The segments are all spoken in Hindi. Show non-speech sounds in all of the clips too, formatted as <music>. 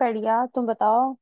बढ़िया, तुम बताओ।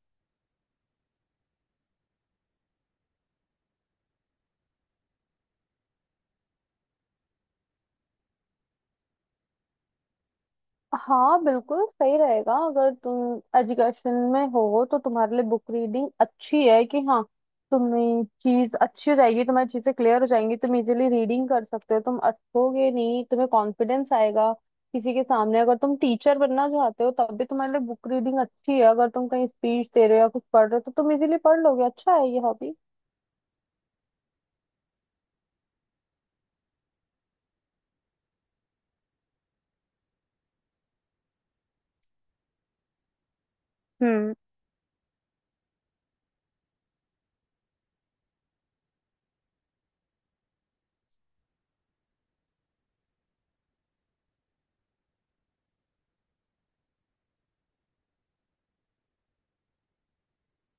हाँ, बिल्कुल सही रहेगा। अगर तुम एजुकेशन में हो तो तुम्हारे लिए बुक रीडिंग अच्छी है कि हाँ, तुम्हें चीज अच्छी हो जाएगी, तुम्हारी चीजें क्लियर हो जाएंगी, तुम इजीली रीडिंग कर सकते हो, तुम अटकोगे नहीं, तुम्हें कॉन्फिडेंस आएगा। किसी के सामने अगर तुम टीचर बनना चाहते हो तब भी तुम्हारे लिए बुक रीडिंग अच्छी है। अगर तुम कहीं स्पीच दे रहे हो या कुछ पढ़ रहे हो तो तुम इजीली पढ़ लोगे। अच्छा है ये हॉबी।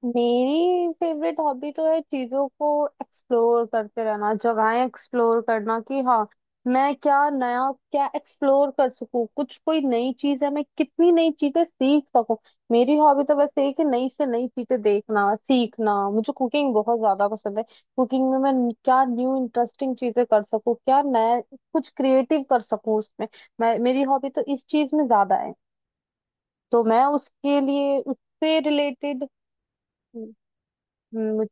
मेरी फेवरेट हॉबी तो है चीजों को एक्सप्लोर करते रहना, जगहें एक्सप्लोर करना कि हाँ, मैं क्या नया क्या एक्सप्लोर कर सकूं, कुछ कोई नई चीज है, मैं कितनी नई चीजें सीख सकूं। मेरी हॉबी तो बस यही कि नई से नई चीजें देखना सीखना। मुझे कुकिंग बहुत ज्यादा पसंद है। कुकिंग में मैं क्या न्यू इंटरेस्टिंग चीजें कर सकूं, क्या नया कुछ क्रिएटिव कर सकूं उसमें। मैं मेरी हॉबी तो इस चीज में ज्यादा है। तो मैं उसके लिए उससे रिलेटेड हम्म,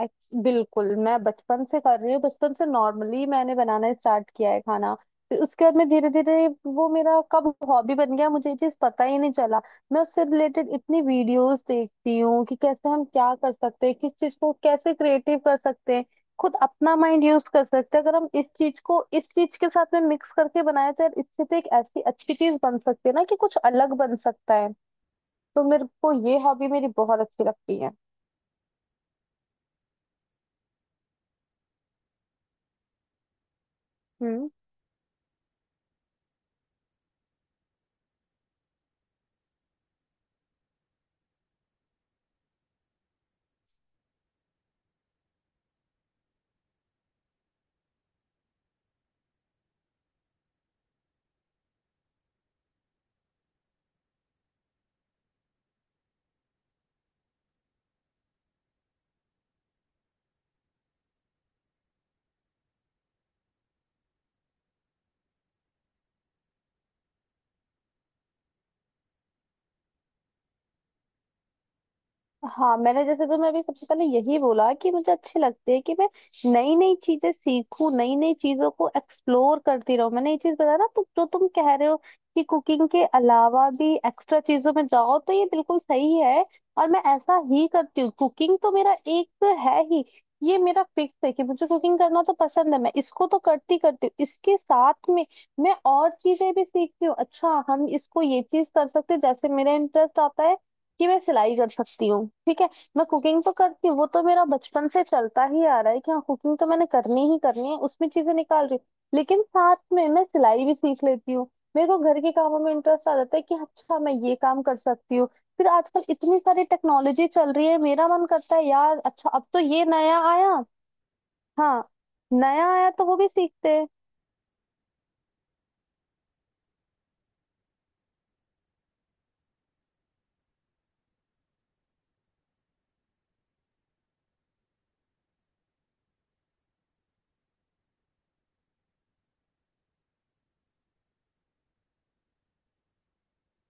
एक- बिल्कुल मैं बचपन से कर रही हूँ। बचपन से नॉर्मली मैंने बनाना स्टार्ट किया है खाना। फिर उसके बाद मैं धीरे धीरे, वो मेरा कब हॉबी बन गया मुझे ये चीज पता ही नहीं चला। मैं उससे रिलेटेड इतनी वीडियोस देखती हूँ कि कैसे हम क्या कर सकते हैं, किस चीज को कैसे क्रिएटिव कर सकते हैं, खुद अपना माइंड यूज कर सकते हैं। अगर हम इस चीज को इस चीज के साथ में मिक्स करके बनाए तो यार इससे तो एक ऐसी अच्छी चीज बन सकती है ना कि कुछ अलग बन सकता है। तो मेरे को ये हॉबी मेरी बहुत अच्छी लगती है। हम्म। हाँ, मैंने जैसे तुम्हें अभी सबसे पहले यही बोला कि मुझे अच्छे लगते हैं कि मैं नई नई चीजें सीखूं, नई नई चीजों को एक्सप्लोर करती रहूं। मैंने ये चीज बताया ना, तो जो तुम कह रहे हो कि कुकिंग के अलावा भी एक्स्ट्रा चीजों में जाओ, तो ये बिल्कुल सही है और मैं ऐसा ही करती हूँ। कुकिंग तो मेरा एक है ही। ये मेरा फिक्स है कि मुझे कुकिंग करना तो पसंद है, मैं इसको तो करती करती हूँ। इसके साथ में मैं और चीजें भी सीखती हूँ। अच्छा हम इसको ये चीज कर सकते हैं, जैसे मेरा इंटरेस्ट आता है कि मैं सिलाई कर सकती हूँ। ठीक है। मैं कुकिंग तो करती हूँ, वो तो मेरा बचपन से चलता ही आ रहा है कि हाँ, कुकिंग तो मैंने करनी ही करनी है, उसमें चीजें निकाल रही हूँ। लेकिन साथ में मैं सिलाई भी सीख लेती हूँ। मेरे को घर के कामों में इंटरेस्ट आ जाता है कि अच्छा मैं ये काम कर सकती हूँ। फिर आजकल इतनी सारी टेक्नोलॉजी चल रही है, मेरा मन करता है यार अच्छा अब तो ये नया आया। हाँ, नया आया तो वो भी सीखते हैं।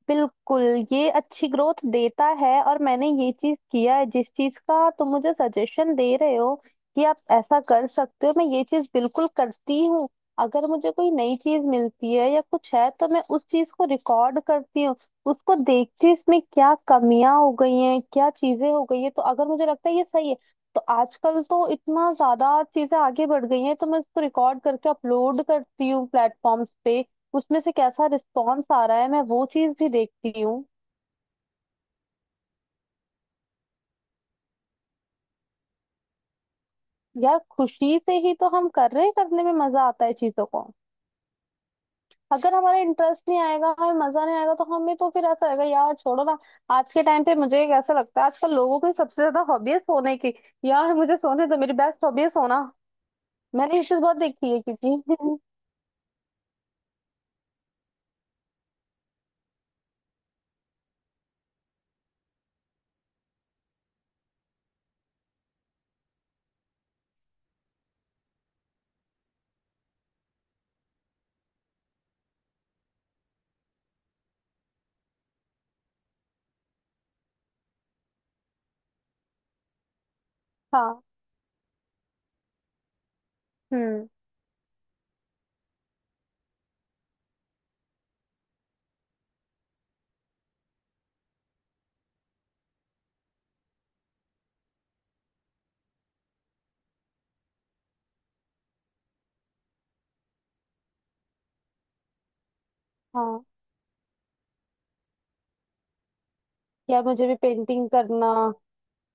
बिल्कुल, ये अच्छी ग्रोथ देता है और मैंने ये चीज किया है जिस चीज का तुम मुझे सजेशन दे रहे हो कि आप ऐसा कर सकते हो। मैं ये चीज बिल्कुल करती हूँ। अगर मुझे कोई नई चीज मिलती है या कुछ है तो मैं उस चीज को रिकॉर्ड करती हूँ, उसको देखती हूँ इसमें क्या कमियां हो गई हैं, क्या चीजें हो गई है, तो अगर मुझे लगता है ये सही है तो आजकल तो इतना ज्यादा चीजें आगे बढ़ गई हैं, तो मैं उसको रिकॉर्ड करके अपलोड करती हूँ प्लेटफॉर्म्स पे। उसमें से कैसा रिस्पॉन्स आ रहा है मैं वो चीज भी देखती हूँ। यार खुशी से ही तो हम कर रहे हैं, करने में मजा आता है चीजों को। अगर हमारा इंटरेस्ट नहीं आएगा, हमें मजा नहीं आएगा, तो हमें तो फिर ऐसा रहेगा यार छोड़ो ना। आज के टाइम पे मुझे कैसा लगता है आजकल लोगों की सबसे ज्यादा हॉबी है सोने की। यार मुझे सोने तो मेरी बेस्ट हॉबी है सोना। मैंने ये चीज बहुत देखी है क्योंकि <laughs> हाँ। हम्म। हाँ, यार मुझे भी पेंटिंग करना।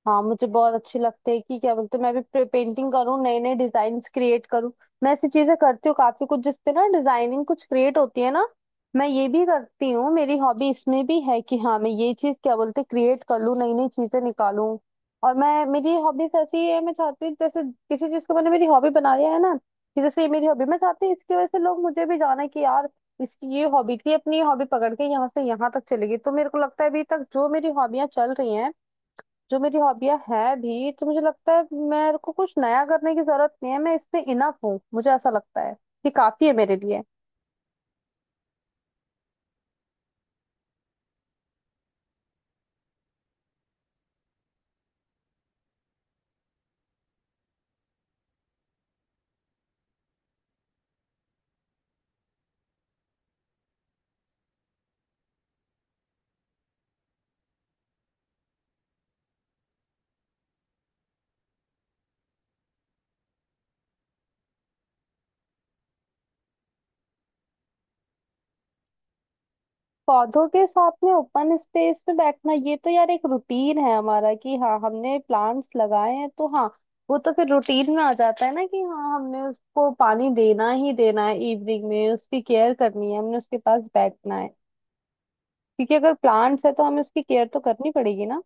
हाँ, मुझे बहुत अच्छी लगती है कि क्या बोलते हैं, मैं भी पेंटिंग करूँ, नए नए डिजाइन क्रिएट करूँ। मैं ऐसी चीजें करती हूँ काफी कुछ जिसपे ना डिजाइनिंग कुछ क्रिएट होती है ना। मैं ये भी करती हूँ। मेरी हॉबी इसमें भी है कि हाँ, मैं ये चीज क्या बोलते हैं क्रिएट कर लूँ, नई नई चीजें निकालूं। और मैं मेरी हॉबीज ऐसी है, मैं चाहती हूँ जैसे किसी चीज को मैंने मेरी हॉबी बना लिया है ना, कि जैसे ये मेरी हॉबी मैं चाहती हूँ इसकी वजह से लोग मुझे भी जाना कि यार इसकी ये हॉबी थी, अपनी हॉबी पकड़ के यहाँ से यहाँ तक चली गई। तो मेरे को लगता है अभी तक जो मेरी हॉबियां चल रही हैं, जो मेरी हॉबियां हैं भी, तो मुझे लगता है मेरे को कुछ नया करने की जरूरत नहीं है, मैं इसमें इनफ हूँ, मुझे ऐसा लगता है कि काफी है मेरे लिए। पौधों के साथ में ओपन स्पेस में बैठना ये तो यार एक रूटीन है हमारा कि हाँ, हमने प्लांट्स लगाए हैं तो हाँ, वो तो फिर रूटीन में आ जाता है ना कि हाँ, हमने उसको पानी देना ही देना है, इवनिंग में उसकी केयर करनी है, हमने उसके पास बैठना है, क्योंकि अगर प्लांट्स है तो हमें उसकी केयर तो करनी पड़ेगी ना।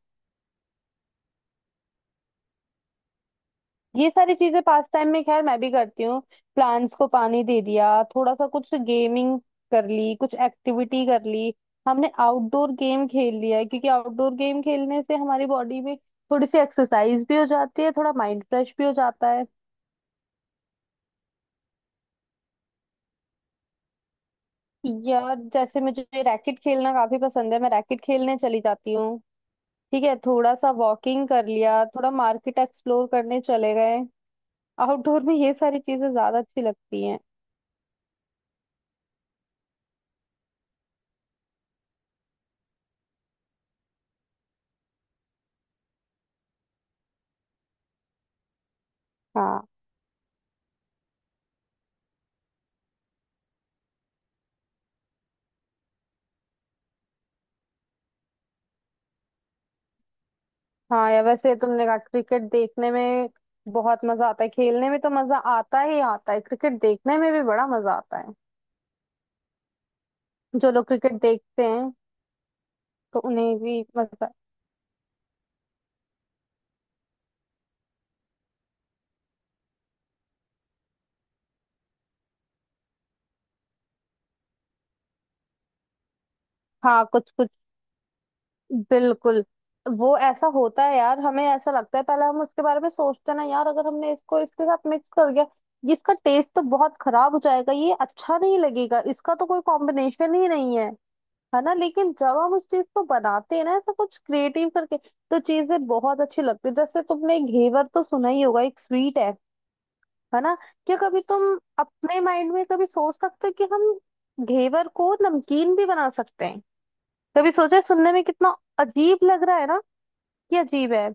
ये सारी चीजें पास टाइम में खैर मैं भी करती हूँ। प्लांट्स को पानी दे दिया, थोड़ा सा कुछ गेमिंग कर ली, कुछ एक्टिविटी कर ली, हमने आउटडोर गेम खेल लिया है, क्योंकि आउटडोर गेम खेलने से हमारी बॉडी में थोड़ी सी एक्सरसाइज भी हो जाती है, थोड़ा माइंड फ्रेश भी हो जाता है। यार जैसे मुझे रैकेट खेलना काफी पसंद है, मैं रैकेट खेलने चली जाती हूँ। ठीक है, थोड़ा सा वॉकिंग कर लिया, थोड़ा मार्केट एक्सप्लोर करने चले गए। आउटडोर में ये सारी चीजें ज्यादा अच्छी लगती हैं। हाँ। हाँ यार, वैसे तुमने कहा क्रिकेट देखने में बहुत मजा आता है। खेलने में तो मजा आता ही आता है, क्रिकेट देखने में भी बड़ा मजा आता है। जो लोग क्रिकेट देखते हैं तो उन्हें भी मजा। हाँ, कुछ कुछ बिल्कुल वो ऐसा होता है। यार, हमें ऐसा लगता है पहले हम उसके बारे में सोचते हैं ना, यार अगर हमने इसको इसके साथ मिक्स कर गया, ये इसका टेस्ट तो बहुत खराब हो जाएगा, ये अच्छा नहीं लगेगा, इसका तो कोई कॉम्बिनेशन ही नहीं है, है ना। लेकिन जब हम उस चीज को बनाते हैं ना ऐसा कुछ क्रिएटिव करके, तो चीजें बहुत अच्छी लगती है। जैसे तुमने घेवर तो सुना ही होगा, एक स्वीट है ना? क्या कभी तुम अपने माइंड में कभी सोच सकते हो कि हम घेवर को नमकीन भी बना सकते हैं? कभी सोचा है? सुनने में कितना अजीब लग रहा है ना कि अजीब है।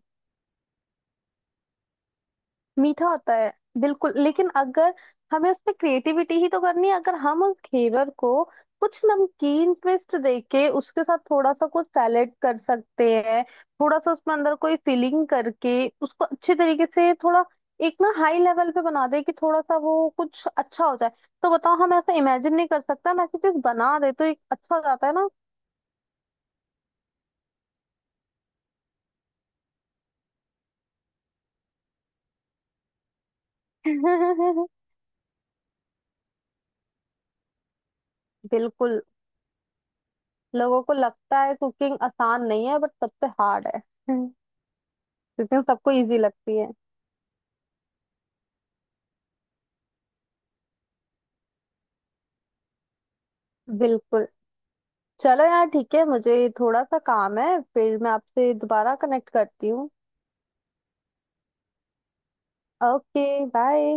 मीठा होता है बिल्कुल, लेकिन अगर हमें उसमें क्रिएटिविटी ही तो करनी है, अगर हम उस घेवर को कुछ नमकीन ट्विस्ट देके उसके साथ थोड़ा सा कुछ सैलेड कर सकते हैं, थोड़ा सा उसमें अंदर कोई फिलिंग करके उसको अच्छे तरीके से थोड़ा एक ना हाई लेवल पे बना दे कि थोड़ा सा वो कुछ अच्छा हो जाए। तो बताओ, हम ऐसा इमेजिन नहीं कर सकता हम ऐसी चीज बना दे तो एक अच्छा हो जाता है ना? <laughs> बिल्कुल। लोगों को लगता है कुकिंग आसान नहीं है बट सबसे हार्ड है, लेकिन सबको इजी लगती है। बिल्कुल। चलो यार ठीक है, मुझे थोड़ा सा काम है, फिर मैं आपसे दोबारा कनेक्ट करती हूँ। Okay bye.